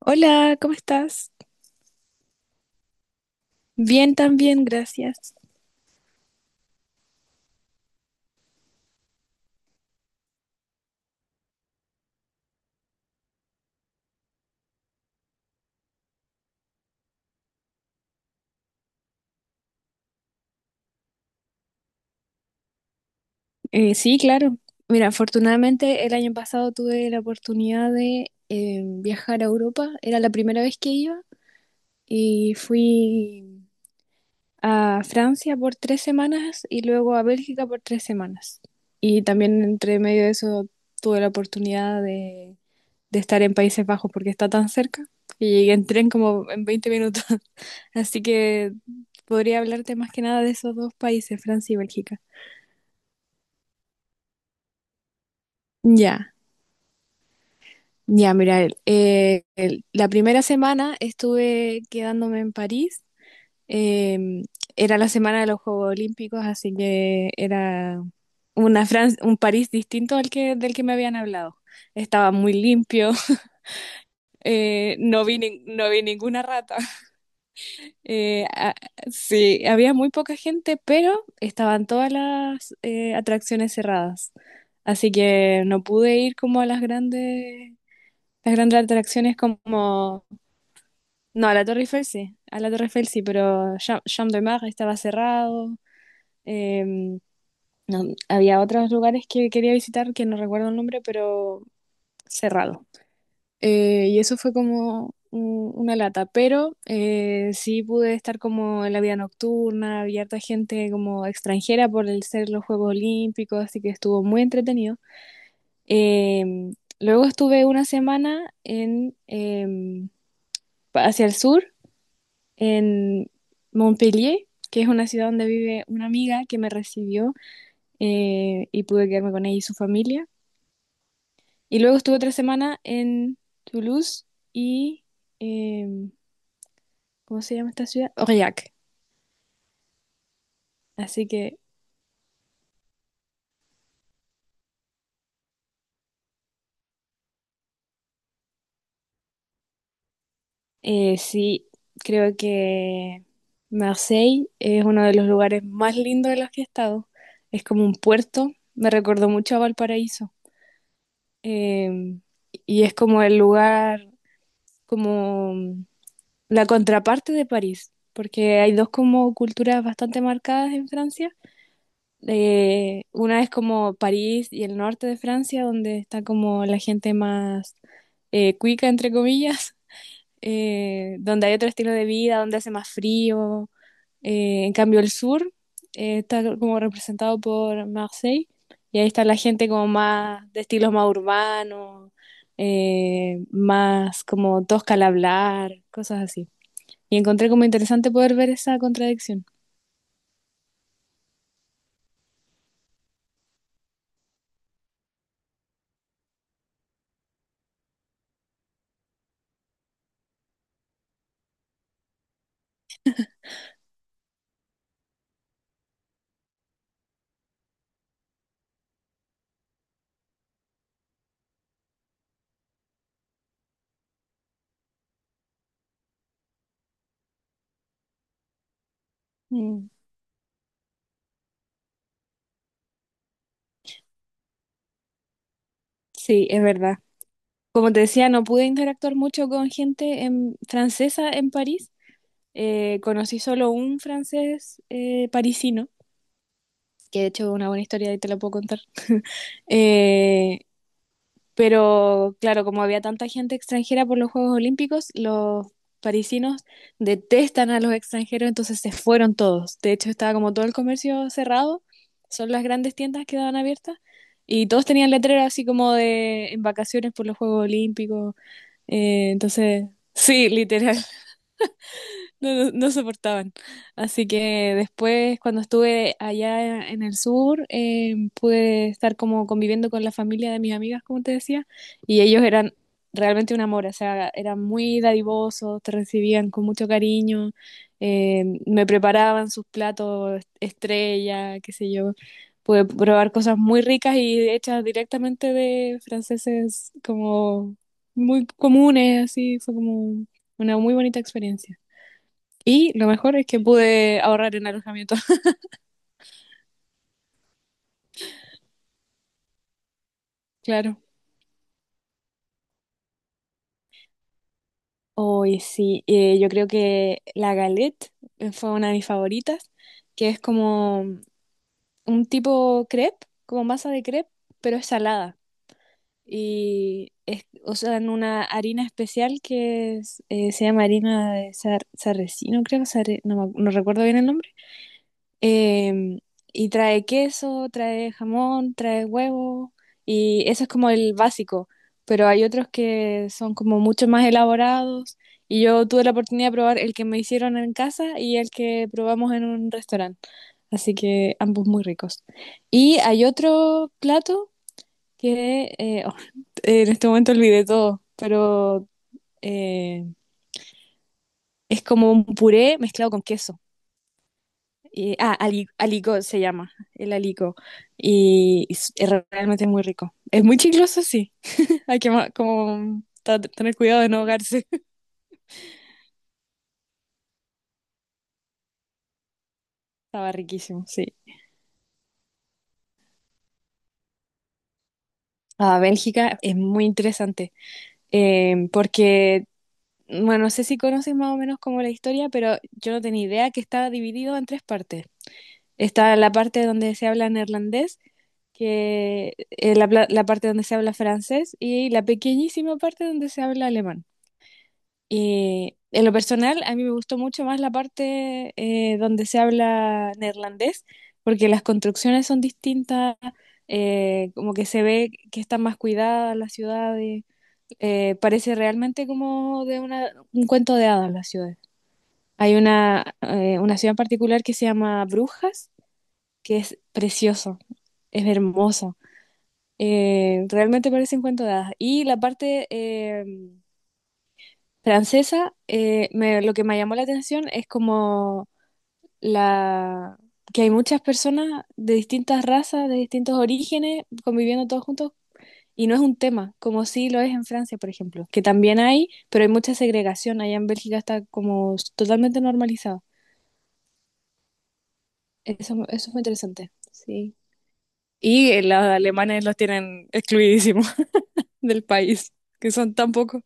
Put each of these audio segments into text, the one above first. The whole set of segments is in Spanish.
Hola, ¿cómo estás? Bien, también, gracias. Sí, claro. Mira, afortunadamente el año pasado tuve la oportunidad de viajar a Europa. Era la primera vez que iba y fui a Francia por 3 semanas y luego a Bélgica por 3 semanas. Y también entre medio de eso tuve la oportunidad de estar en Países Bajos porque está tan cerca que llegué en tren como en 20 minutos. Así que podría hablarte más que nada de esos dos países, Francia y Bélgica. Ya, ya, mira, la primera semana estuve quedándome en París. em, Era la semana de los Juegos Olímpicos, así que era un París distinto del que me habían hablado. Estaba muy limpio. No vi, no vi ninguna rata. Eh, a- sí, había muy poca gente, pero estaban todas las atracciones cerradas. Así que no pude ir como a las grandes atracciones como... No, a la Torre Eiffel sí, a la Torre Eiffel sí, pero Champ de Mars estaba cerrado. em, no, había otros lugares que quería visitar que no recuerdo el nombre, pero cerrado. Y eso fue como una lata, pero sí pude estar como en la vida nocturna, había harta gente como extranjera por el ser los Juegos Olímpicos, así que estuvo muy entretenido. Em, Luego estuve una semana en, hacia el sur, en Montpellier, que es una ciudad donde vive una amiga que me recibió, y pude quedarme con ella y su familia. Y luego estuve otra semana en Toulouse y... em, ¿cómo se llama esta ciudad? Aurillac. Así que sí, creo que Marseille es uno de los lugares más lindos de los que he estado. Es como un puerto, me recordó mucho a Valparaíso. Eh, y es como el lugar, como la contraparte de París, porque hay dos como culturas bastante marcadas en Francia. Una es como París y el norte de Francia, donde está como la gente más cuica, entre comillas, donde hay otro estilo de vida, donde hace más frío. En cambio, el sur está como representado por Marseille y ahí está la gente como más de estilos más urbanos, más como tosca al hablar, cosas así. Y encontré como interesante poder ver esa contradicción. Mm, sí, es verdad. Como te decía, no pude interactuar mucho con gente francesa en París. Conocí solo un francés parisino que de hecho es una buena historia y te la puedo contar. Eh, pero claro, como había tanta gente extranjera por los Juegos Olímpicos, los parisinos detestan a los extranjeros, entonces se fueron todos. De hecho, estaba como todo el comercio cerrado, son las grandes tiendas que daban abiertas. Y todos tenían letreros así como de en vacaciones por los Juegos Olímpicos. Entonces, sí, literal. No, no, no soportaban. Así que después, cuando estuve allá en el sur, pude estar como conviviendo con la familia de mis amigas, como te decía, y ellos eran realmente un amor, o sea, eran muy dadivosos, te recibían con mucho cariño, me preparaban sus platos estrella, qué sé yo. Pude probar cosas muy ricas y hechas directamente de franceses como muy comunes, así, fue como una muy bonita experiencia. Y lo mejor es que pude ahorrar en alojamiento. Claro. Hoy sí, yo creo que la galette fue una de mis favoritas, que es como un tipo crepe, como masa de crepe, pero es salada. Y es, o sea, en una harina especial que es, se llama harina de sarracino, creo, no recuerdo bien el nombre. Em, y trae queso, trae jamón, trae huevo, y eso es como el básico, pero hay otros que son como mucho más elaborados, y yo tuve la oportunidad de probar el que me hicieron en casa y el que probamos en un restaurante, así que ambos muy ricos. Y hay otro plato que oh, en este momento olvidé todo, pero eh, es como un puré mezclado con queso. Y, ah, aligo se llama, el aligo. Y es realmente muy rico. Es muy chicloso, sí. Hay que tener cuidado de no ahogarse. Estaba riquísimo, sí. Ah, Bélgica es muy interesante. Porque, bueno, no sé si conoces más o menos como la historia, pero yo no tenía idea que estaba dividido en 3 partes. Está la parte donde se habla neerlandés, que, la parte donde se habla francés y la pequeñísima parte donde se habla alemán. Y en lo personal, a mí me gustó mucho más la parte donde se habla neerlandés, porque las construcciones son distintas, como que se ve que están más cuidadas las ciudades, parece realmente como de una, un cuento de hadas las ciudades. Hay una ciudad en particular que se llama Brujas, que es precioso, es hermoso, realmente parece un cuento de hadas. Y la parte... francesa, lo que me llamó la atención es como la que hay muchas personas de distintas razas, de distintos orígenes, conviviendo todos juntos, y no es un tema, como sí lo es en Francia, por ejemplo, que también hay, pero hay mucha segregación. Allá en Bélgica está como totalmente normalizado. Eso fue interesante, sí. Y los alemanes los tienen excluidísimos del país, que son tan pocos.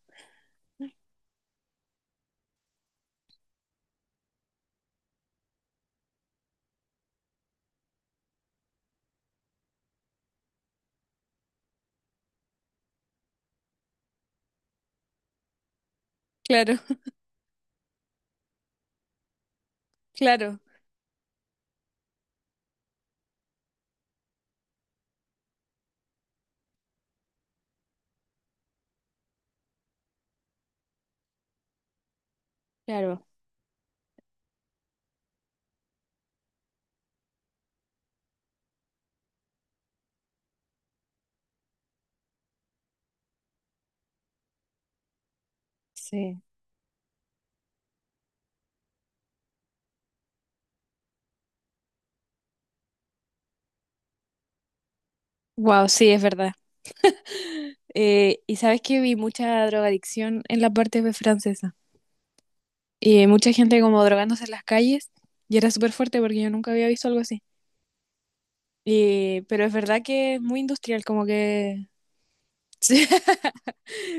Claro, claro, claro. Sí. Wow, sí, es verdad. Y sabes que vi mucha drogadicción en la parte de francesa. Y mucha gente como drogándose en las calles. Y era súper fuerte porque yo nunca había visto algo así. Y pero es verdad que es muy industrial, como que... Sí,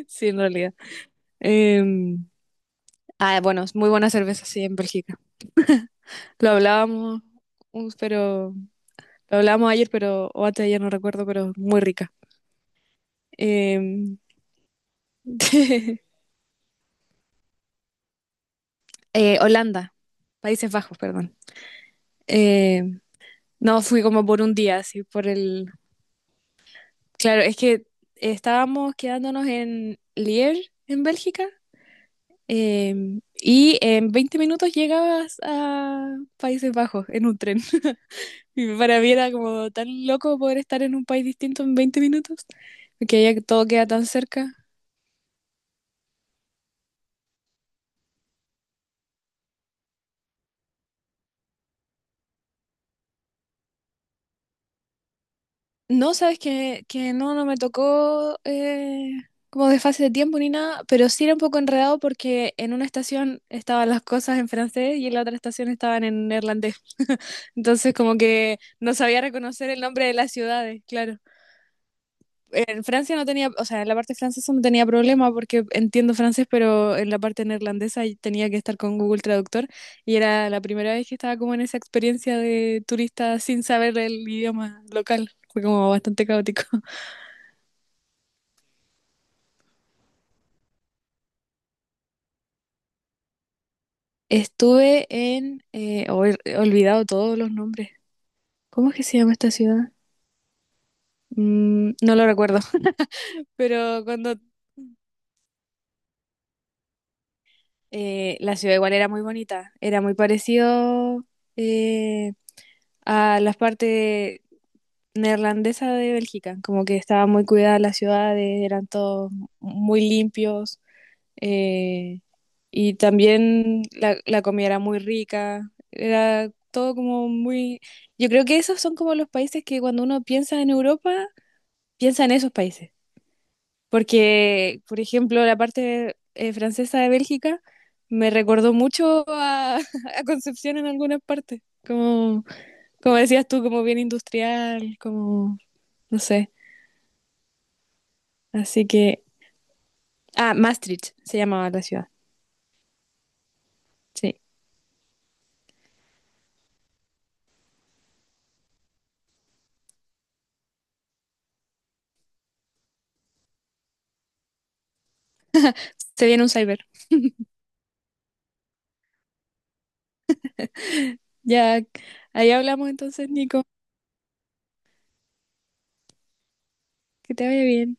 sí, en realidad. Em, ah, bueno, es muy buena cerveza, sí, en Bélgica. Lo hablábamos, pero... Lo hablábamos ayer, pero... O antes de ayer, no recuerdo, pero muy rica. Em, Holanda. Países Bajos, perdón. Eh, no, fui como por un día, así, por el, claro, es que estábamos quedándonos en Lier, en Bélgica, y en 20 minutos llegabas a Países Bajos en un tren. Y para mí era como tan loco poder estar en un país distinto en 20 minutos, porque allá todo queda tan cerca. No, sabes que no, no me tocó como de fase de tiempo ni nada, pero sí era un poco enredado porque en una estación estaban las cosas en francés y en la otra estación estaban en neerlandés. Entonces como que no sabía reconocer el nombre de las ciudades, claro. En Francia no tenía, o sea, en la parte francesa no tenía problema porque entiendo francés, pero en la parte neerlandesa ahí tenía que estar con Google Traductor y era la primera vez que estaba como en esa experiencia de turista sin saber el idioma local. Fue como bastante caótico. Estuve en... oh, he olvidado todos los nombres. ¿Cómo es que se llama esta ciudad? Mm, no lo recuerdo. Pero cuando... la ciudad igual era muy bonita. Era muy parecido, eh, a las partes neerlandesas de Bélgica. Como que estaba muy cuidada la ciudad, eran todos muy limpios. eh, y también la comida era muy rica, era todo como muy... Yo creo que esos son como los países que cuando uno piensa en Europa, piensa en esos países. Porque, por ejemplo, la parte francesa de Bélgica me recordó mucho a, a Concepción en algunas partes. Como, como decías tú, como bien industrial, como, no sé. Así que... Ah, Maastricht se llamaba la ciudad. Sí. Se viene un cyber. Ya, ahí hablamos entonces, Nico. Que te vaya bien.